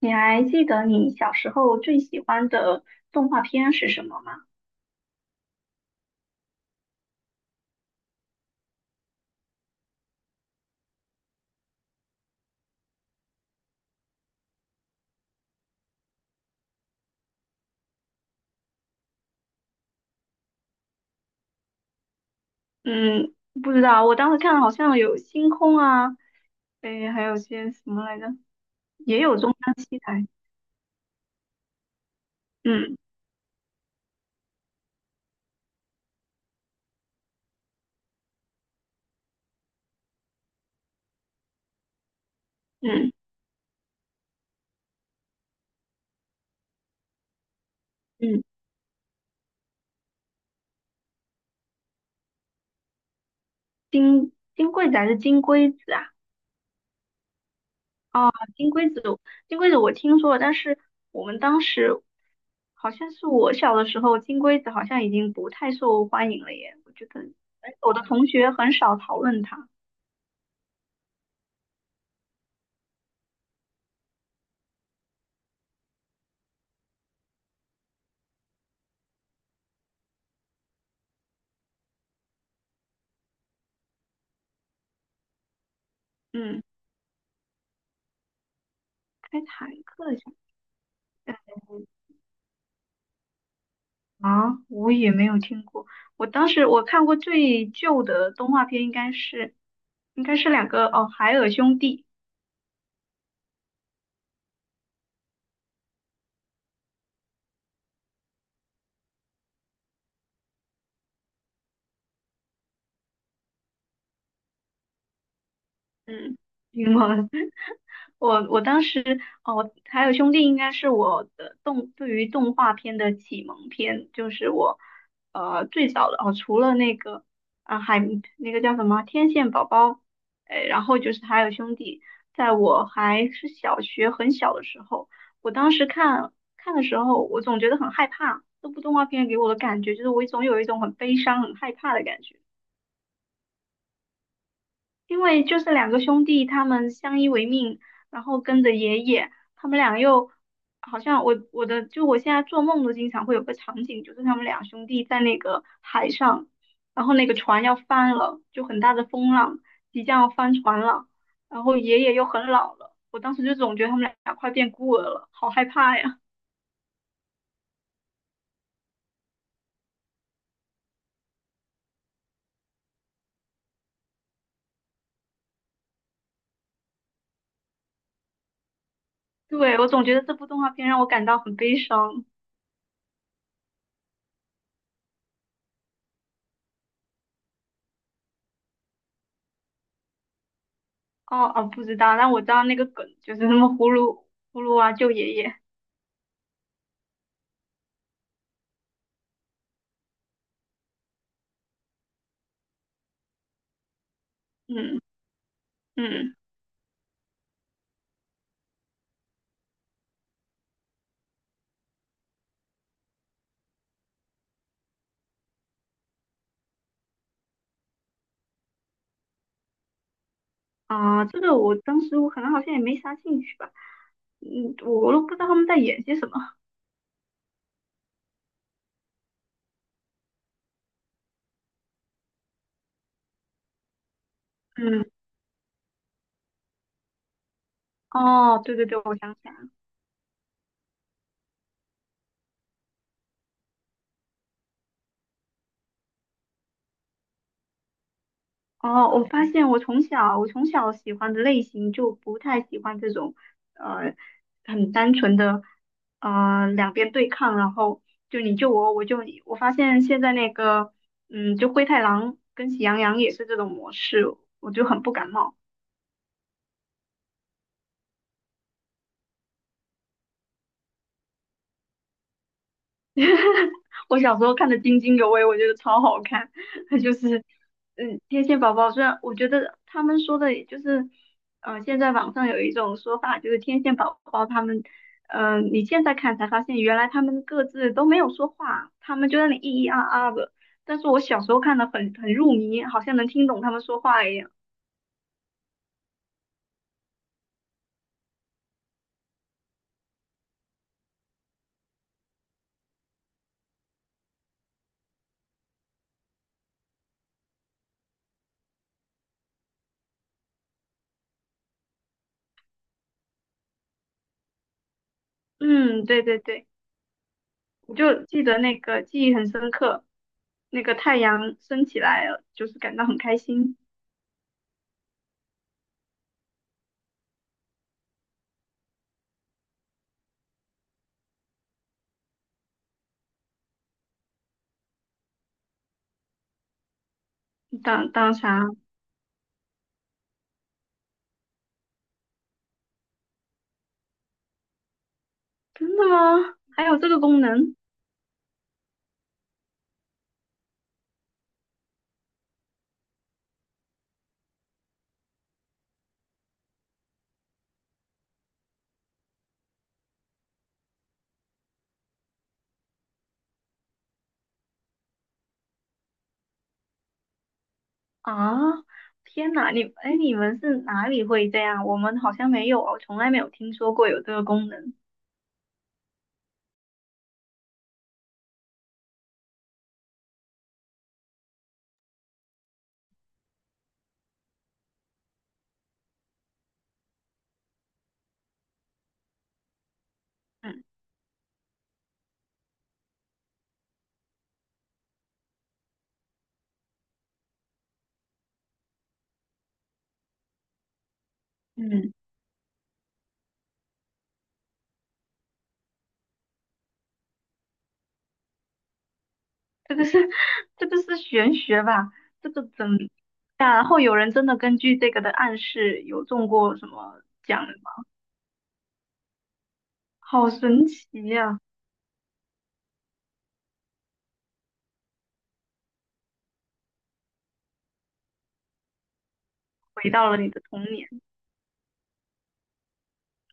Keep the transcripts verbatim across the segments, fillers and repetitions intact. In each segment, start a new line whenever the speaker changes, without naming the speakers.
你还记得你小时候最喜欢的动画片是什么吗？嗯，不知道，我当时看好像有星空啊，诶，还有些什么来着，也有中央七台。嗯嗯嗯，金金龟子还是金龟子啊？哦，金龟子，金龟子我听说了，但是我们当时好像是我小的时候，金龟子好像已经不太受欢迎了耶。我觉得我的同学很少讨论它。嗯，开坦克。啊，我也没有听过。我当时我看过最旧的动画片，应该是应该是两个哦，海尔兄弟。嗯，英文，我我当时哦，还有兄弟应该是我的动对于动画片的启蒙片，就是我呃最早的哦，除了那个啊海那个叫什么天线宝宝，哎，然后就是还有兄弟，在我还是小学很小的时候，我当时看看的时候，我总觉得很害怕，这部动画片给我的感觉就是我总有一种很悲伤、很害怕的感觉。因为就是两个兄弟，他们相依为命，然后跟着爷爷，他们俩又好像我我的就我现在做梦都经常会有个场景，就是他们俩兄弟在那个海上，然后那个船要翻了，就很大的风浪，即将要翻船了，然后爷爷又很老了，我当时就总觉得他们俩快变孤儿了，好害怕呀！对，我总觉得这部动画片让我感到很悲伤。哦哦，不知道，但我知道那个梗就是什么葫芦葫芦娃救爷爷，嗯嗯。啊，这个我当时我可能好像也没啥兴趣吧，嗯，我都不知道他们在演些什么。嗯，哦，对对对，我想起来了。哦，我发现我从小我从小喜欢的类型就不太喜欢这种，呃，很单纯的，呃，两边对抗，然后就你救我，我救你。我发现现在那个，嗯，就灰太狼跟喜羊羊也是这种模式，我就很不感冒。我小时候看的津津有味，我觉得超好看。它就是，嗯，天线宝宝虽然我觉得他们说的也就是，嗯、现在网上有一种说法，就是天线宝宝他们，嗯、你现在看才发现原来他们各自都没有说话，他们就在那里咿咿啊啊的。但是我小时候看的很很入迷，好像能听懂他们说话一样。嗯，对对对，我就记得那个记忆很深刻，那个太阳升起来了，就是感到很开心。当当啥？真的吗？还有这个功能啊！天哪，你哎，你们是哪里会这样？我们好像没有哦，从来没有听说过有这个功能。嗯嗯，这个是 这个是玄学吧？这个怎么然后有人真的根据这个的暗示有中过什么奖吗？好神奇呀、回到了你的童年。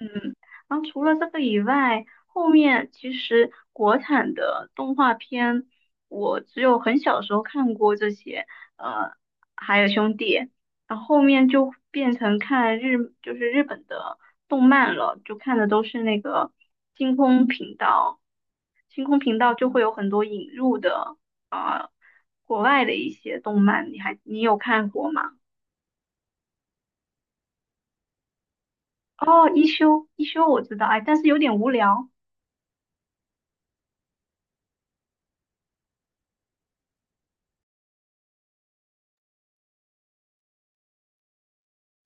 嗯，然后除了这个以外，后面其实国产的动画片，我只有很小的时候看过这些，呃，还有兄弟，然后后面就变成看日，就是日本的动漫了，就看的都是那个星空频道，星空频道就会有很多引入的啊、呃国外的一些动漫，你还你有看过吗？哦，一休一休我知道，哎，但是有点无聊。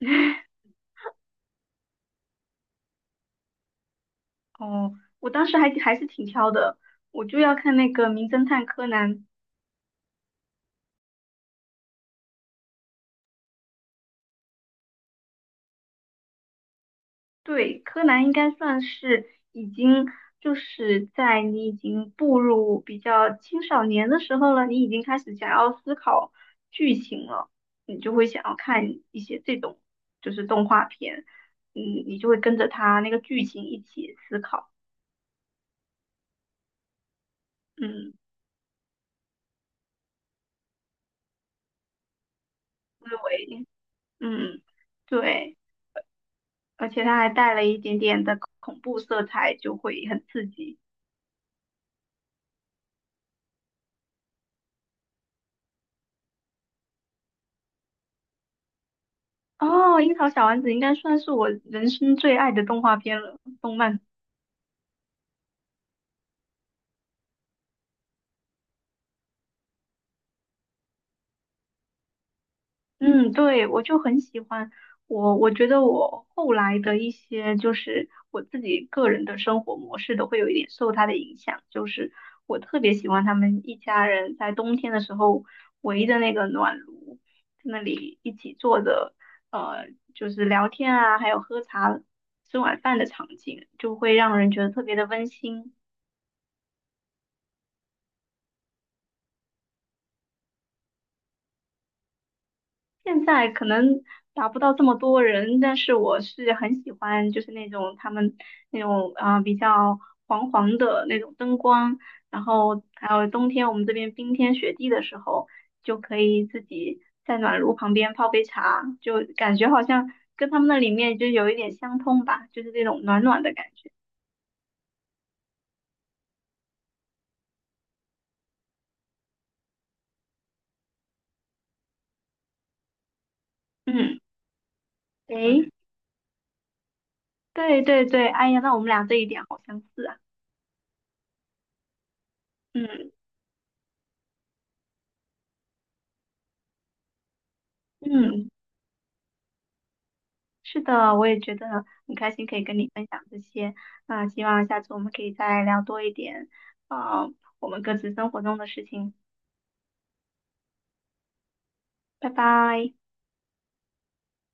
哦，我当时还还是挺挑的，我就要看那个《名侦探柯南》。对，柯南应该算是已经就是在你已经步入比较青少年的时候了，你已经开始想要思考剧情了，你就会想要看一些这种就是动画片，嗯，你就会跟着它那个剧情一起思考，嗯，思维，嗯，对，而且它还带了一点点的恐怖色彩，就会很刺激。哦，《樱桃小丸子》应该算是我人生最爱的动画片了，动漫。嗯，对，我就很喜欢。我我觉得我后来的一些，就是我自己个人的生活模式都会有一点受它的影响。就是我特别喜欢他们一家人在冬天的时候围着那个暖炉，在那里一起坐着，呃，就是聊天啊，还有喝茶、吃晚饭的场景，就会让人觉得特别的温馨。现在可能达不到这么多人，但是我是很喜欢，就是那种他们那种啊、呃比较黄黄的那种灯光，然后还有冬天我们这边冰天雪地的时候，就可以自己在暖炉旁边泡杯茶，就感觉好像跟他们那里面就有一点相通吧，就是这种暖暖的感觉。嗯，诶，对对对，哎呀，那我们俩这一点好相似啊。嗯嗯。是的，我也觉得很开心可以跟你分享这些。那希望下次我们可以再聊多一点，啊，我们各自生活中的事情。拜拜。